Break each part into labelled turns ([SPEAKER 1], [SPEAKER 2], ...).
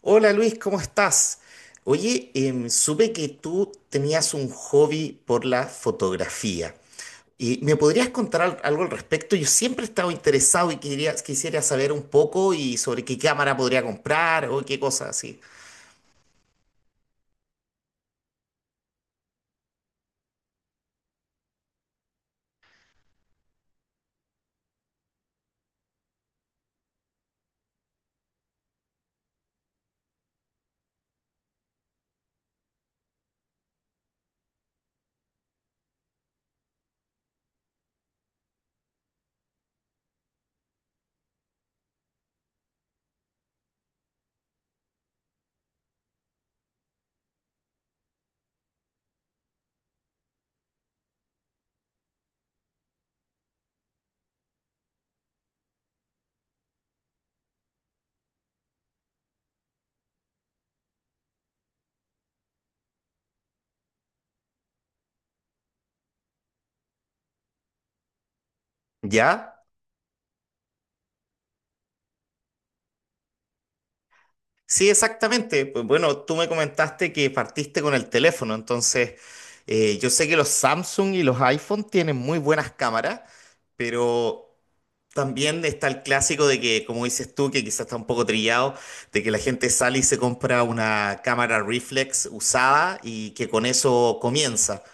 [SPEAKER 1] Hola Luis, ¿cómo estás? Oye, supe que tú tenías un hobby por la fotografía. ¿Y me podrías contar algo al respecto? Yo siempre he estado interesado y quisiera saber un poco y sobre qué cámara podría comprar o qué cosas así. ¿Ya? Sí, exactamente. Pues bueno, tú me comentaste que partiste con el teléfono, entonces yo sé que los Samsung y los iPhone tienen muy buenas cámaras, pero también está el clásico de que, como dices tú, que quizás está un poco trillado, de que la gente sale y se compra una cámara reflex usada y que con eso comienza.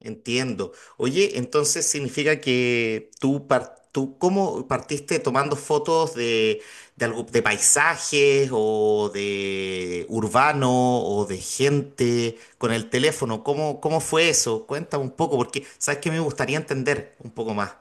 [SPEAKER 1] Entiendo. Oye, entonces significa que tú, tú, ¿cómo partiste tomando fotos algo, de paisajes o de urbano o de gente con el teléfono? Cómo fue eso? Cuéntame un poco, porque sabes que me gustaría entender un poco más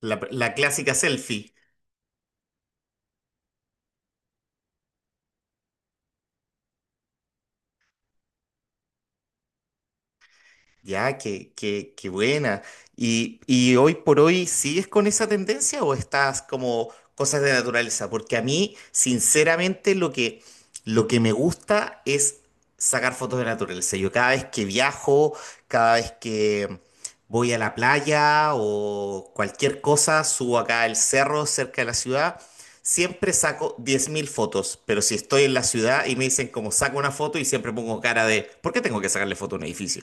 [SPEAKER 1] la clásica selfie. Ya, qué buena. Y hoy por hoy sigues con esa tendencia o estás como cosas de naturaleza? Porque a mí, sinceramente, lo que me gusta es sacar fotos de naturaleza. Yo cada vez que viajo, cada vez que voy a la playa o cualquier cosa, subo acá al cerro cerca de la ciudad, siempre saco 10.000 fotos. Pero si estoy en la ciudad y me dicen como saco una foto y siempre pongo cara de, ¿por qué tengo que sacarle foto a un edificio?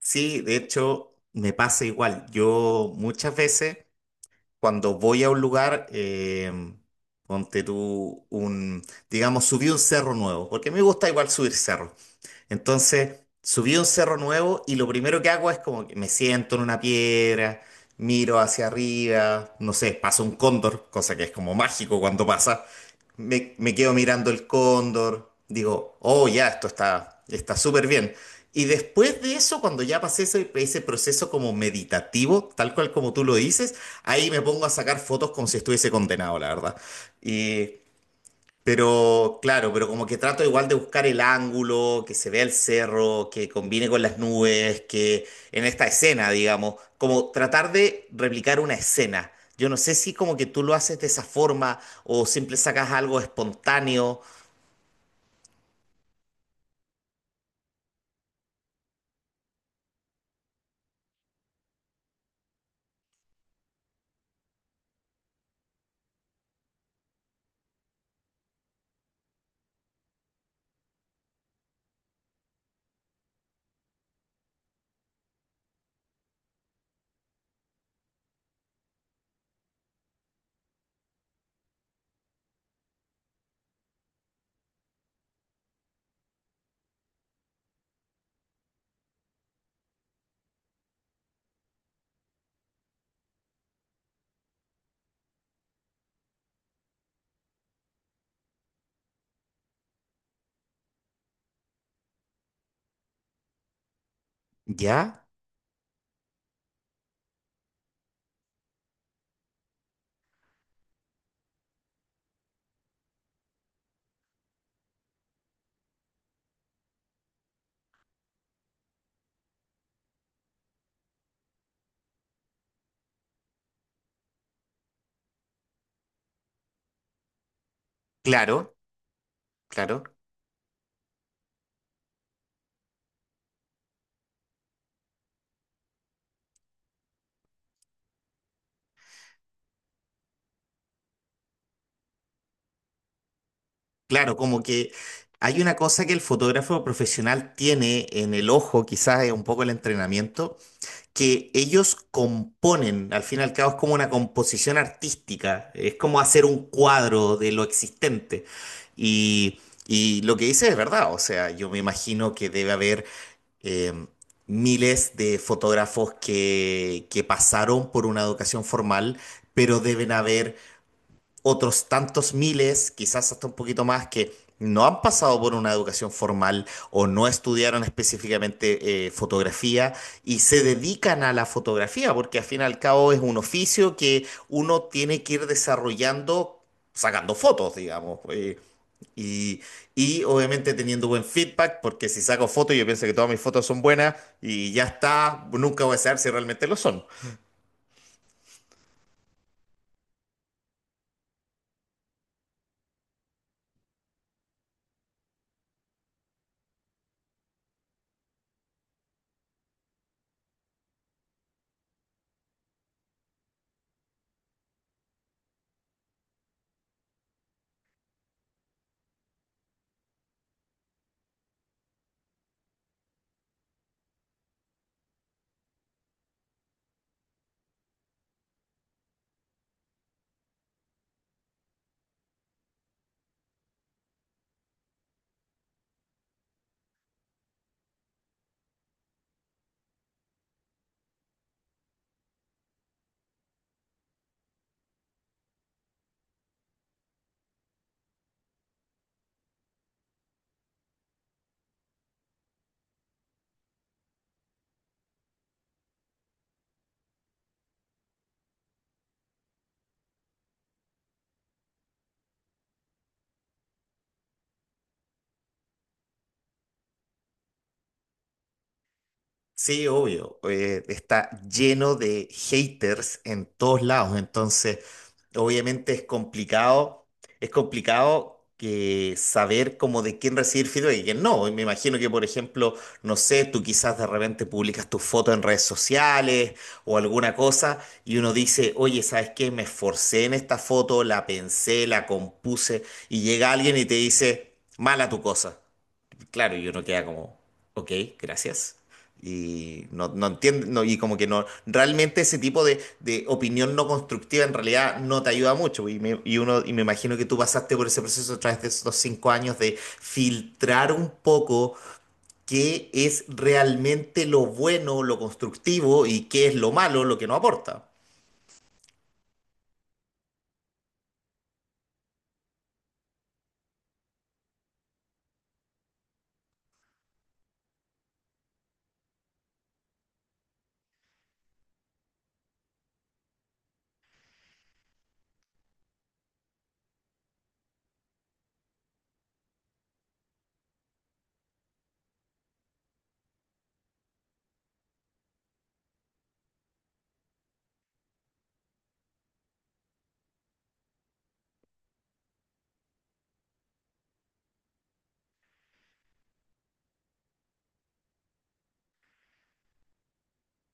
[SPEAKER 1] Sí, de hecho, me pasa igual. Yo muchas veces cuando voy a un lugar, ponte tú un, digamos, subí un cerro nuevo, porque me gusta igual subir cerros. Entonces, subí un cerro nuevo y lo primero que hago es como que me siento en una piedra, miro hacia arriba, no sé, pasa un cóndor, cosa que es como mágico cuando pasa. Me quedo mirando el cóndor, digo, oh, ya, esto está súper bien. Y después de eso, cuando ya pasé ese proceso como meditativo, tal cual como tú lo dices, ahí me pongo a sacar fotos como si estuviese condenado, la verdad. Y pero claro, pero como que trato igual de buscar el ángulo, que se vea el cerro, que combine con las nubes, que en esta escena, digamos, como tratar de replicar una escena. Yo no sé si como que tú lo haces de esa forma o siempre sacas algo espontáneo. ¿Ya? Claro, claro, claro, como que hay una cosa que el fotógrafo profesional tiene en el ojo, quizás es un poco el entrenamiento que ellos componen, al fin y al cabo es como una composición artística, es como hacer un cuadro de lo existente. Y, y lo que dice es verdad, o sea, yo me imagino que debe haber eh, miles de fotógrafos que pasaron por una educación formal, pero deben haber otros tantos miles, quizás hasta un poquito más, que no han pasado por una educación formal o no estudiaron específicamente fotografía y se dedican a la fotografía, porque al fin y al cabo es un oficio que uno tiene que ir desarrollando sacando fotos, digamos. Y, y obviamente teniendo buen feedback, porque si saco fotos, yo pienso que todas mis fotos son buenas y ya está, nunca voy a saber si realmente lo son. Sí, obvio. Está lleno de haters en todos lados. Entonces, obviamente es complicado que saber como de quién recibir feedback y quién no. Y me imagino que, por ejemplo, no sé, tú quizás de repente publicas tu foto en redes sociales o alguna cosa y uno dice, oye, ¿sabes qué? Me esforcé en esta foto, la pensé, la compuse y llega alguien y te dice, mala tu cosa. Claro, y uno queda como, ok, gracias. Y no, no entiende, no, y como que no, realmente ese tipo de opinión no constructiva en realidad no te ayuda mucho. Y uno, y me imagino que tú pasaste por ese proceso a través de esos 5 años de filtrar un poco qué es realmente lo bueno, lo constructivo y qué es lo malo, lo que no aporta.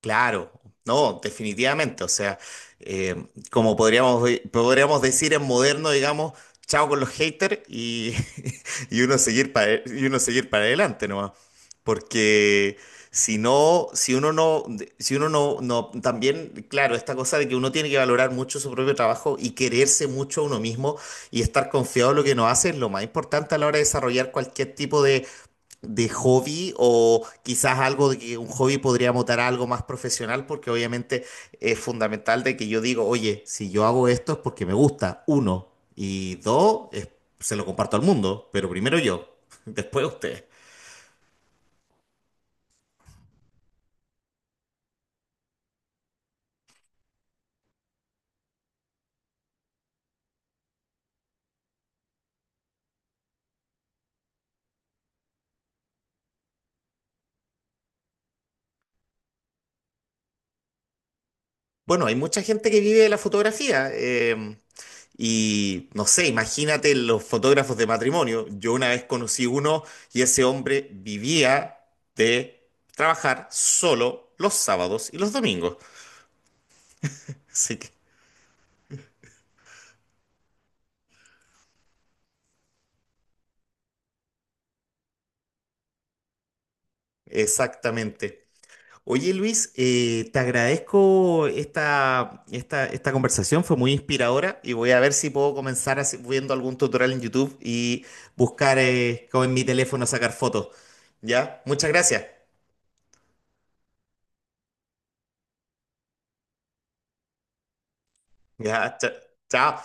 [SPEAKER 1] Claro, no, definitivamente. O sea, eh, como podríamos, podríamos decir en moderno, digamos, chao con los haters y, y y uno seguir para adelante nomás. Porque si no, si uno no, no, también, claro, esta cosa de que uno tiene que valorar mucho su propio trabajo y quererse mucho a uno mismo y estar confiado en lo que uno hace es lo más importante a la hora de desarrollar cualquier tipo de hobby o quizás algo de que un hobby podría mutar a algo más profesional, porque obviamente es fundamental de que yo digo, oye, si yo hago esto es porque me gusta, uno, y dos, se lo comparto al mundo, pero primero yo, después ustedes. Bueno, hay mucha gente que vive de la fotografía, y no sé, imagínate los fotógrafos de matrimonio. Yo una vez conocí uno y ese hombre vivía de trabajar solo los sábados y los domingos. Así que exactamente. Oye Luis, te agradezco esta conversación, fue muy inspiradora y voy a ver si puedo comenzar viendo algún tutorial en YouTube y buscar con mi teléfono sacar fotos. ¿Ya? Muchas gracias. Ya, chao.